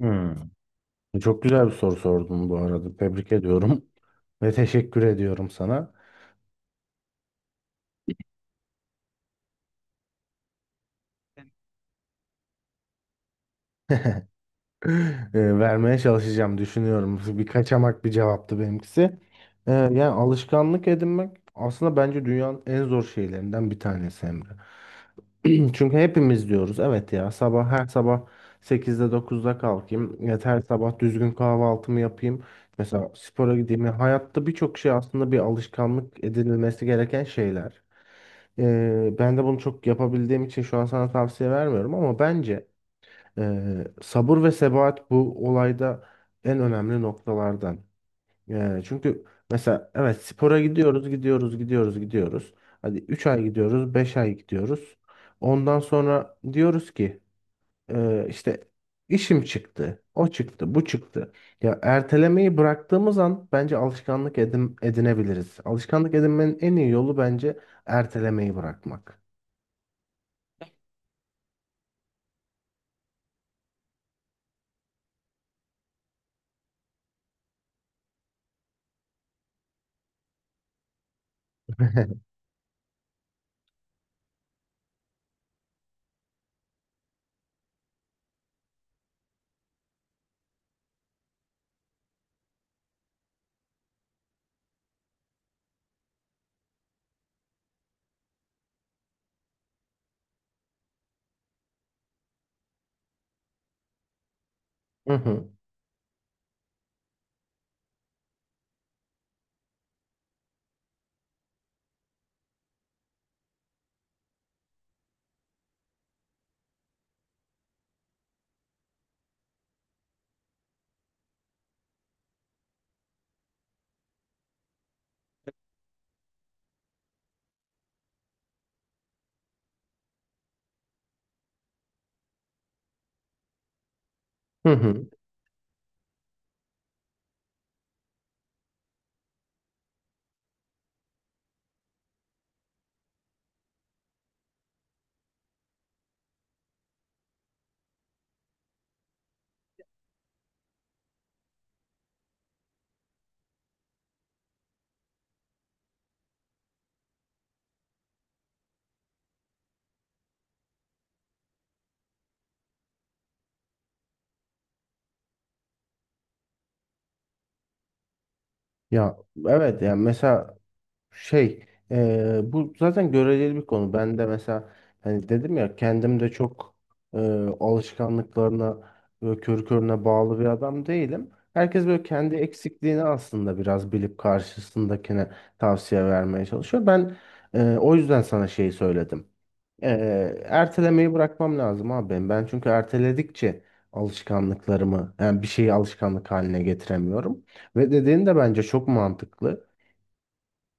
Hmm. Çok güzel bir soru sordun bu arada. Tebrik ediyorum ve teşekkür ediyorum sana. Vermeye çalışacağım düşünüyorum. Bir kaçamak bir cevaptı benimkisi. Yani alışkanlık edinmek aslında bence dünyanın en zor şeylerinden bir tanesi Emre. Çünkü hepimiz diyoruz evet ya sabah her sabah 8'de 9'da kalkayım. Evet, her sabah düzgün kahvaltımı yapayım. Mesela spora gideyim. Ya hayatta birçok şey aslında bir alışkanlık edinilmesi gereken şeyler. Ben de bunu çok yapabildiğim için şu an sana tavsiye vermiyorum ama bence sabır ve sebat bu olayda en önemli noktalardan. Yani çünkü mesela evet spora gidiyoruz, gidiyoruz, gidiyoruz, gidiyoruz. Hadi 3 ay gidiyoruz, 5 ay gidiyoruz. Ondan sonra diyoruz ki: işte işim çıktı, o çıktı, bu çıktı. Ya ertelemeyi bıraktığımız an bence alışkanlık edinebiliriz. Alışkanlık edinmenin en iyi yolu bence ertelemeyi bırakmak." Hı hı. Hı hı. Ya evet yani mesela Şey, bu zaten göreceli bir konu. Ben de mesela hani dedim ya kendim de çok eee, alışkanlıklarına böyle körü körüne bağlı bir adam değilim. Herkes böyle kendi eksikliğini aslında biraz bilip karşısındakine tavsiye vermeye çalışıyor. Ben o yüzden sana şeyi söyledim. Ertelemeyi bırakmam lazım abi benim. Ben çünkü erteledikçe alışkanlıklarımı yani bir şeyi alışkanlık haline getiremiyorum. Ve dediğin de bence çok mantıklı.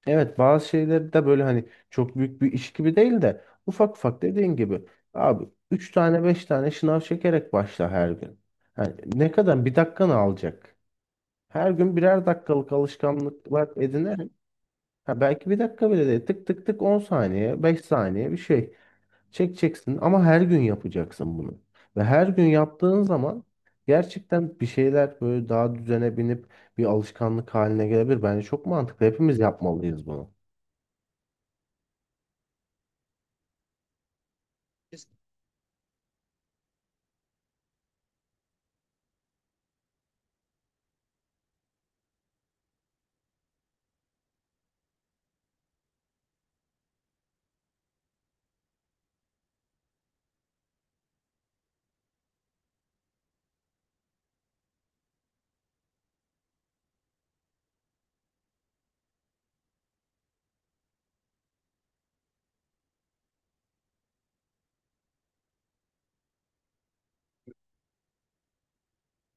Evet, bazı şeyleri de böyle hani çok büyük bir iş gibi değil de ufak ufak, dediğin gibi, abi 3 tane 5 tane şınav çekerek başla her gün. Yani ne kadar bir dakikanı alacak? Her gün birer dakikalık alışkanlıklar edinerek, ha belki bir dakika bile değil, tık tık tık, 10 saniye 5 saniye bir şey çekeceksin ama her gün yapacaksın bunu. Ve her gün yaptığın zaman gerçekten bir şeyler böyle daha düzene binip bir alışkanlık haline gelebilir. Bence çok mantıklı, hepimiz yapmalıyız bunu.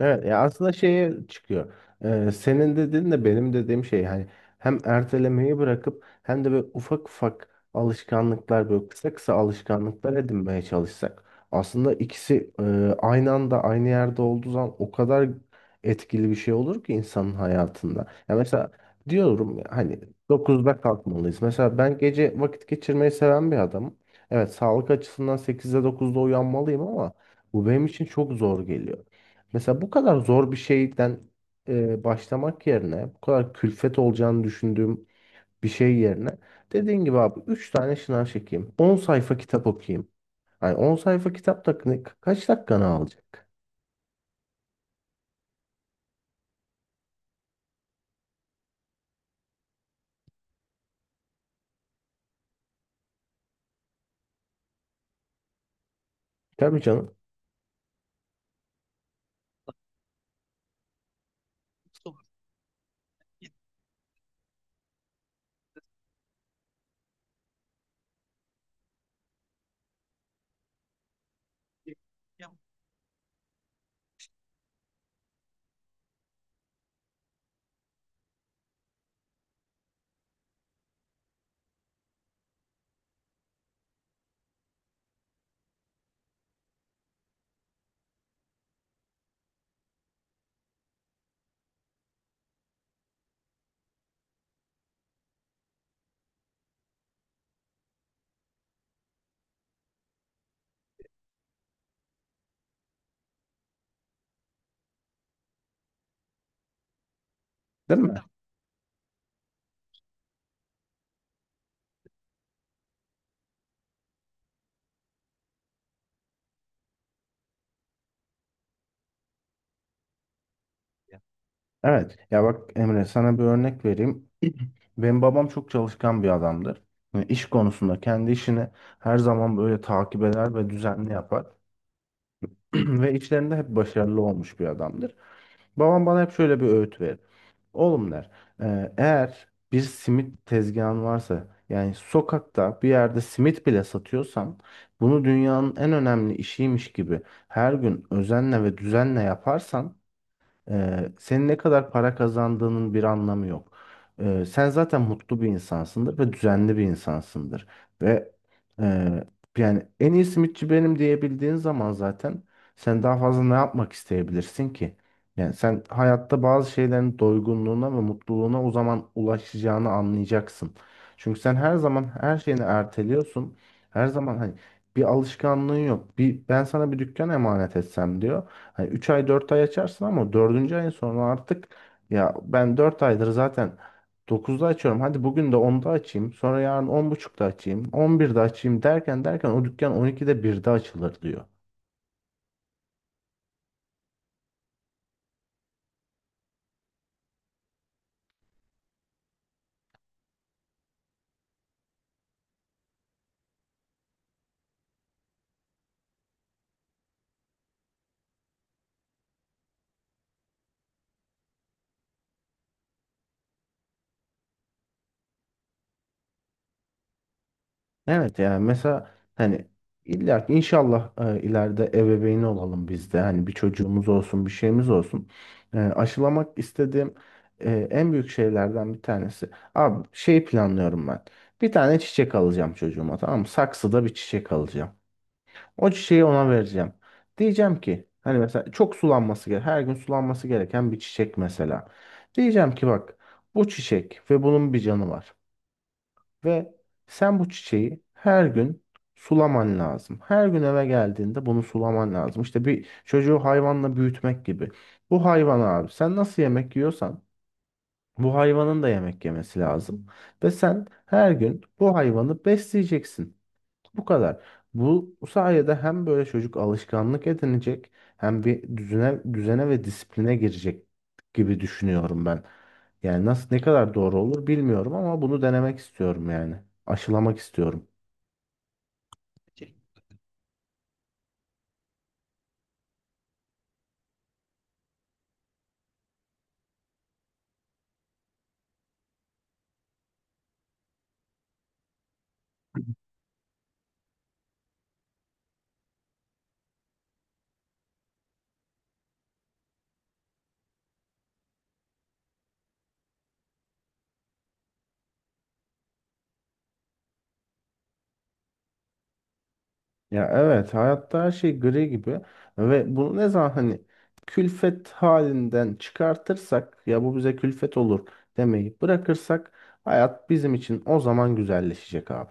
Evet ya, aslında şeye çıkıyor. Senin dediğin de benim dediğim şey, hani hem ertelemeyi bırakıp hem de böyle ufak ufak alışkanlıklar, böyle kısa kısa alışkanlıklar edinmeye çalışsak, aslında ikisi aynı anda aynı yerde olduğu zaman o kadar etkili bir şey olur ki insanın hayatında. Ya mesela diyorum ya, hani 9'da kalkmalıyız. Mesela ben gece vakit geçirmeyi seven bir adamım. Evet, sağlık açısından 8'de 9'da uyanmalıyım ama bu benim için çok zor geliyor. Mesela bu kadar zor bir şeyden başlamak yerine, bu kadar külfet olacağını düşündüğüm bir şey yerine, dediğin gibi abi, 3 tane şınav çekeyim, 10 sayfa kitap okuyayım. Yani 10 sayfa kitap da kaç dakikanı alacak? Tabii canım. Değil mi? Evet ya, bak Emre, sana bir örnek vereyim. Benim babam çok çalışkan bir adamdır. Yani iş konusunda kendi işini her zaman böyle takip eder ve düzenli yapar. Ve işlerinde hep başarılı olmuş bir adamdır. Babam bana hep şöyle bir öğüt verir. Oğlum, der, eğer bir simit tezgahın varsa, yani sokakta bir yerde simit bile satıyorsan, bunu dünyanın en önemli işiymiş gibi her gün özenle ve düzenle yaparsan, senin ne kadar para kazandığının bir anlamı yok. Sen zaten mutlu bir insansındır ve düzenli bir insansındır. Ve e, yani en iyi simitçi benim diyebildiğin zaman, zaten sen daha fazla ne yapmak isteyebilirsin ki? Yani sen hayatta bazı şeylerin doygunluğuna ve mutluluğuna o zaman ulaşacağını anlayacaksın. Çünkü sen her zaman her şeyini erteliyorsun. Her zaman hani bir alışkanlığın yok. Bir, ben sana bir dükkan emanet etsem," diyor. "Hani 3 ay 4 ay açarsın ama dördüncü ayın sonra artık, ya ben 4 aydır zaten 9'da açıyorum, hadi bugün de 10'da açayım, sonra yarın on buçukta açayım, 11'de açayım derken derken o dükkan 12'de birde açılır," diyor. Evet yani mesela hani, illa ki inşallah ileride ebeveyni olalım biz de. Hani bir çocuğumuz olsun, bir şeyimiz olsun. Aşılamak istediğim en büyük şeylerden bir tanesi: abi şey planlıyorum ben. Bir tane çiçek alacağım çocuğuma, tamam mı? Saksıda bir çiçek alacağım. O çiçeği ona vereceğim. Diyeceğim ki, hani mesela çok sulanması gerek. Her gün sulanması gereken bir çiçek mesela. Diyeceğim ki, bak, bu çiçek ve bunun bir canı var. Ve sen bu çiçeği her gün sulaman lazım. Her gün eve geldiğinde bunu sulaman lazım. İşte bir çocuğu hayvanla büyütmek gibi. Bu hayvan, abi, sen nasıl yemek yiyorsan bu hayvanın da yemek yemesi lazım. Ve sen her gün bu hayvanı besleyeceksin. Bu kadar. Bu sayede hem böyle çocuk alışkanlık edinecek, hem bir düzene ve disipline girecek gibi düşünüyorum ben. Yani nasıl, ne kadar doğru olur bilmiyorum ama bunu denemek istiyorum yani. Aşılamak istiyorum. Ya evet, hayatta her şey gri gibi ve bunu ne zaman hani külfet halinden çıkartırsak, ya bu bize külfet olur demeyi bırakırsak, hayat bizim için o zaman güzelleşecek abi.